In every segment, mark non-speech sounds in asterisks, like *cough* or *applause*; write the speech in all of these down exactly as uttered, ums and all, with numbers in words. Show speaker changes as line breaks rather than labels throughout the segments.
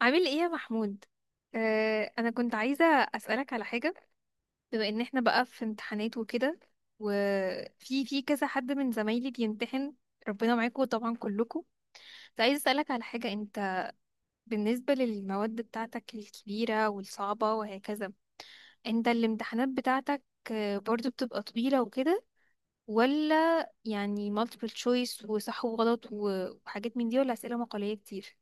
عامل ايه يا محمود؟ آه، انا كنت عايزه اسالك على حاجه. بما ان احنا بقى في امتحانات وكده، وفي في كذا حد من زمايلي بيمتحن، ربنا معاكم طبعا كلكم. كنت عايزه اسالك على حاجه، انت بالنسبه للمواد بتاعتك الكبيره والصعبه وهكذا، انت الامتحانات بتاعتك، آه، برضو بتبقى طويله وكده، ولا يعني multiple choice وصح وغلط و- وحاجات من دي، ولا اسئله مقاليه كتير؟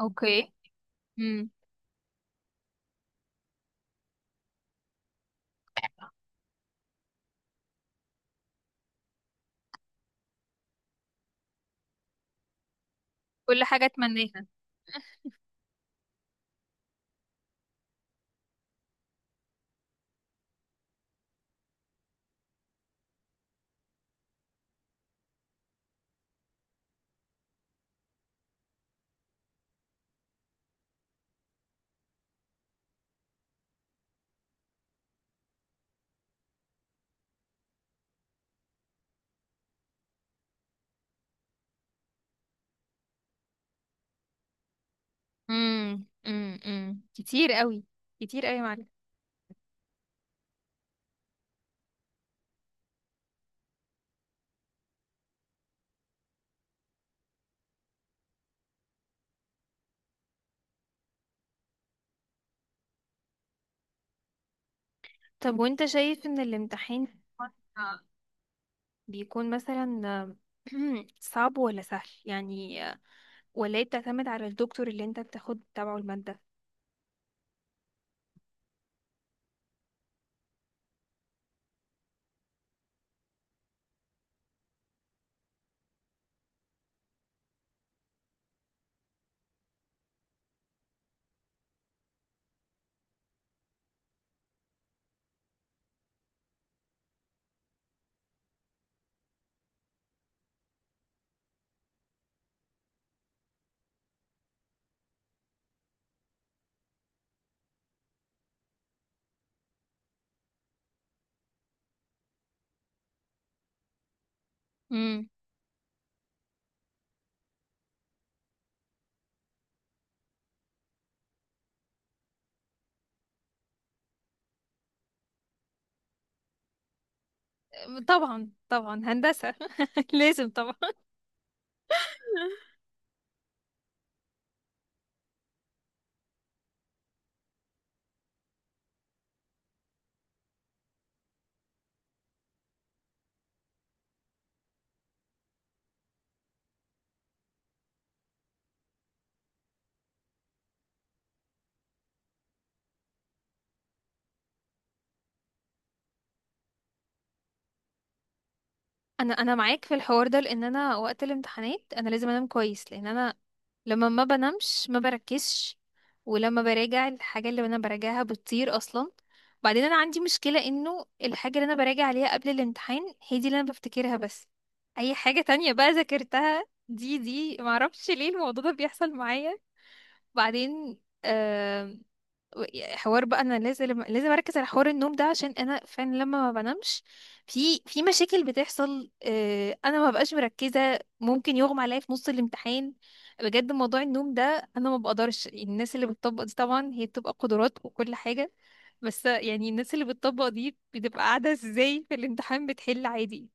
اوكي. امم كل حاجه اتمناها. امم امم امم كتير قوي، كتير قوي يا معلم. طب وانت شايف ان الامتحان في مصر بيكون مثلا *clears throat* صعب ولا سهل يعني، ولا هي بتعتمد على الدكتور اللي انت بتاخد تبعه المادة؟ امم. طبعا طبعا، هندسة *laughs* لازم طبعا. انا انا معاك في الحوار ده، لان انا وقت الامتحانات انا لازم انام كويس، لان انا لما ما بنامش ما بركزش، ولما براجع الحاجه اللي انا براجعها بتطير اصلا. بعدين انا عندي مشكله، انه الحاجه اللي انا براجع عليها قبل الامتحان هي دي اللي انا بفتكرها بس. اي حاجه تانية بقى ذاكرتها دي دي معرفش ليه الموضوع ده بيحصل معايا. بعدين يعني حوار بقى، انا لازم لازم اركز على حوار النوم ده، عشان انا فعلا لما ما بنامش في في مشاكل بتحصل، آه، انا ما ببقاش مركزه، ممكن يغمى عليا في نص الامتحان. بجد موضوع النوم ده انا ما بقدرش. الناس اللي بتطبق دي طبعا هي بتبقى قدرات وكل حاجه، بس يعني الناس اللي بتطبق دي بتبقى قاعده ازاي في الامتحان بتحل عادي؟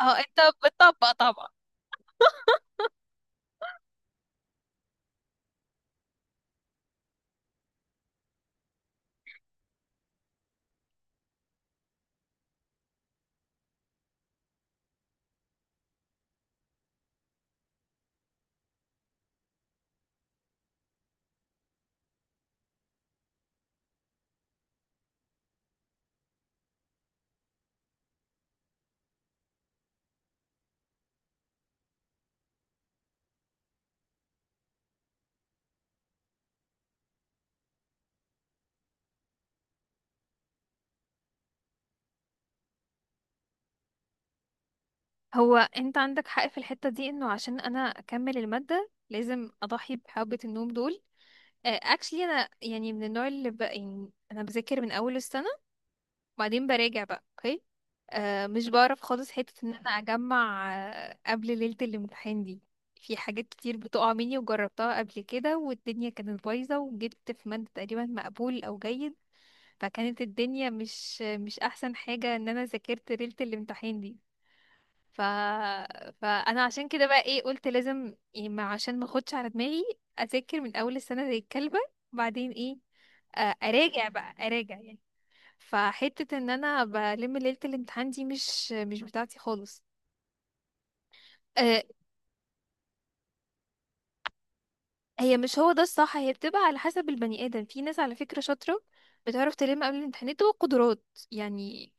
اه. انت بتطبق طبعا. هو انت عندك حق في الحتة دي، انه عشان انا اكمل المادة لازم اضحي بحبة النوم دول. اكشلي انا يعني من النوع اللي ب... يعني انا بذاكر من اول السنة، وبعدين براجع بقى. اوكي، آه، مش بعرف خالص حتة ان انا اجمع آه قبل ليلة الامتحان دي. في حاجات كتير بتقع مني، وجربتها قبل كده والدنيا كانت بايظة، وجبت في مادة تقريبا مقبول او جيد. فكانت الدنيا مش مش احسن حاجة ان انا ذاكرت ليلة الامتحان دي. ف... فانا عشان كده بقى ايه، قلت لازم يعني، ما عشان ما اخدش على دماغي اذاكر من اول السنه زي الكلبه، وبعدين ايه، آه، اراجع بقى اراجع يعني. فحته ان انا بلم ليله الامتحان دي مش مش بتاعتي خالص، آه، هي مش هو ده الصح، هي بتبقى على حسب البني ادم. في ناس على فكرة شاطرة، بتعرف تلم قبل الامتحانات وقدرات، يعني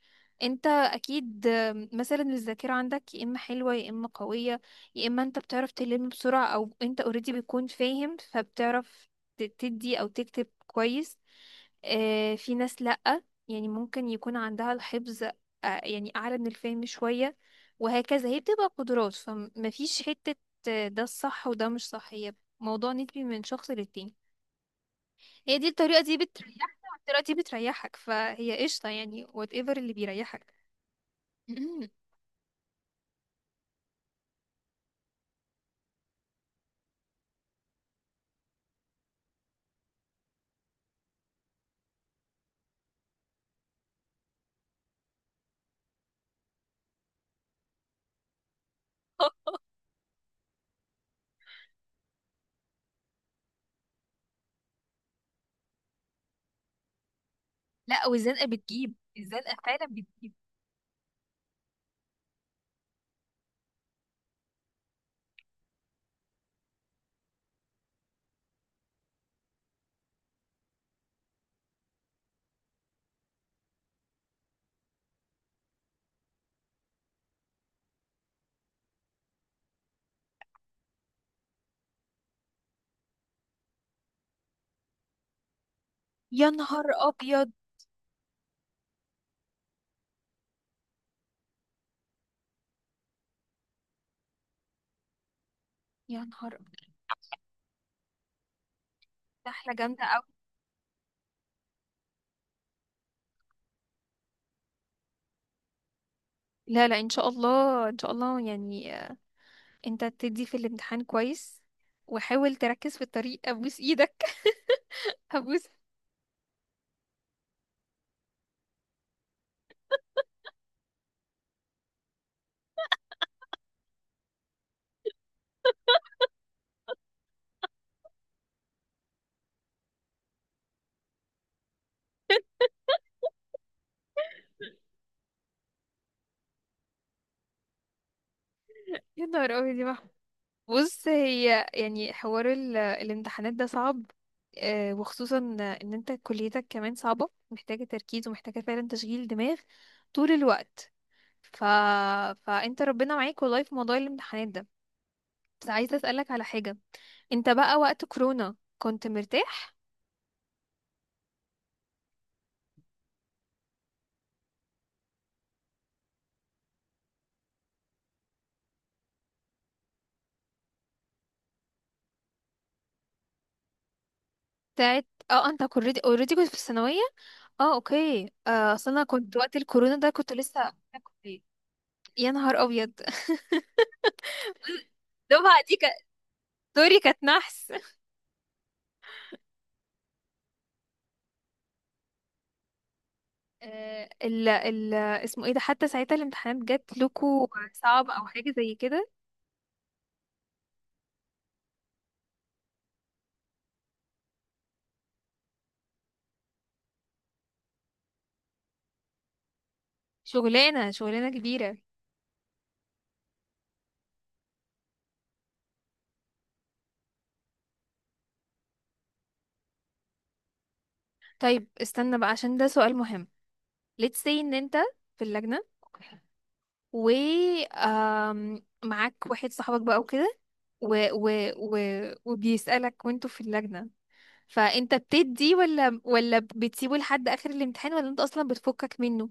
انت اكيد آم، مثلا الذاكرة عندك يا اما حلوة يا اما قوية، يا اما انت بتعرف تلم بسرعة، او انت اوريدي بتكون فاهم فبتعرف ت- تدي او تكتب كويس. آه، في ناس لأ، يعني ممكن يكون عندها الحفظ، آه، يعني اعلى من الفهم شوية وهكذا. هي بتبقى قدرات، فمفيش حتة آه، ده الصح وده مش صح، هي موضوع نسبي من شخص للتاني. هي دي الطريقة دي بتريحنا، والطريقة دي بتريحك، فهي قشطة يعني whatever اللي بيريحك. *laughs* لا، والزنقة بتجيب، الزنقة فعلا بتجيب. يا نهار أبيض. يا نهار أبيض. سحلة جامدة أوي. لا لا، إن شاء الله إن شاء الله يعني، آه، أنت تدي في الامتحان كويس، وحاول تركز في الطريق أبوس إيدك. *laughs* أبوس. يا نهار أبيض يا محمود. بص، هي يعني حوار ال- الامتحانات ده صعب، آه، وخصوصا ان انت كليتك كمان صعبة، محتاجة تركيز ومحتاجة فعلا تشغيل دماغ طول الوقت. ف... فانت ربنا معاك والله في موضوع الامتحانات ده. بس عايزة اسألك على حاجة، انت بقى وقت كورونا كنت مرتاح؟ بتاعت اه، انت اوريدي اوريدي كنت في الثانوية؟ اه اوكي، آه، اصل انا كنت وقت الكورونا ده كنت لسه في الكلية. يا نهار ابيض. *laughs* الدفعة دي كانت دوري، كانت نحس. آه، ال ال اسمه ايه ده، حتى ساعتها الامتحانات جات لكو صعبة او حاجة زي كده؟ شغلانة شغلانة كبيرة. طيب استنى بقى عشان ده سؤال مهم، let's say ان انت في اللجنة، و آم، معاك واحد صاحبك بقى وكده، و و و وبيسألك وانتوا في اللجنة، فانت بتدي ولا ولا بتسيبه لحد اخر الامتحان، ولا انت اصلا بتفكك منه؟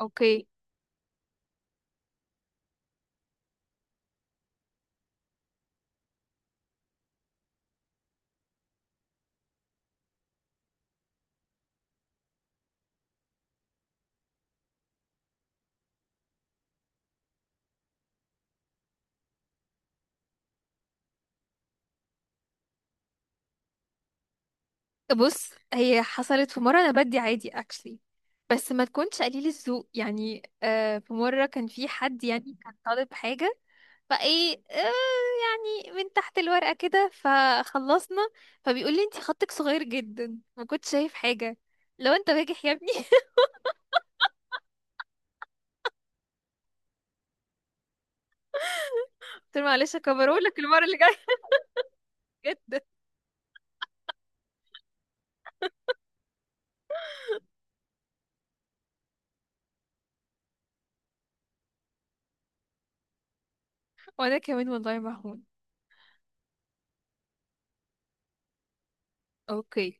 اوكي. بص، هي حصلت في مرة أنا بدي عادي actually، بس ما تكونش قليل الذوق يعني. آه في مرة كان في حد يعني كان طالب حاجة، فايه آه، يعني من تحت الورقة كده، فخلصنا، فبيقول لي انتي خطك صغير جدا ما كنتش شايف حاجة. لو انت باجح يا ابني. *laughs* قلت له معلش هكبره لك المرة اللي جاية. *laughs* جدا. وانا كمان والله مهون. اوكي.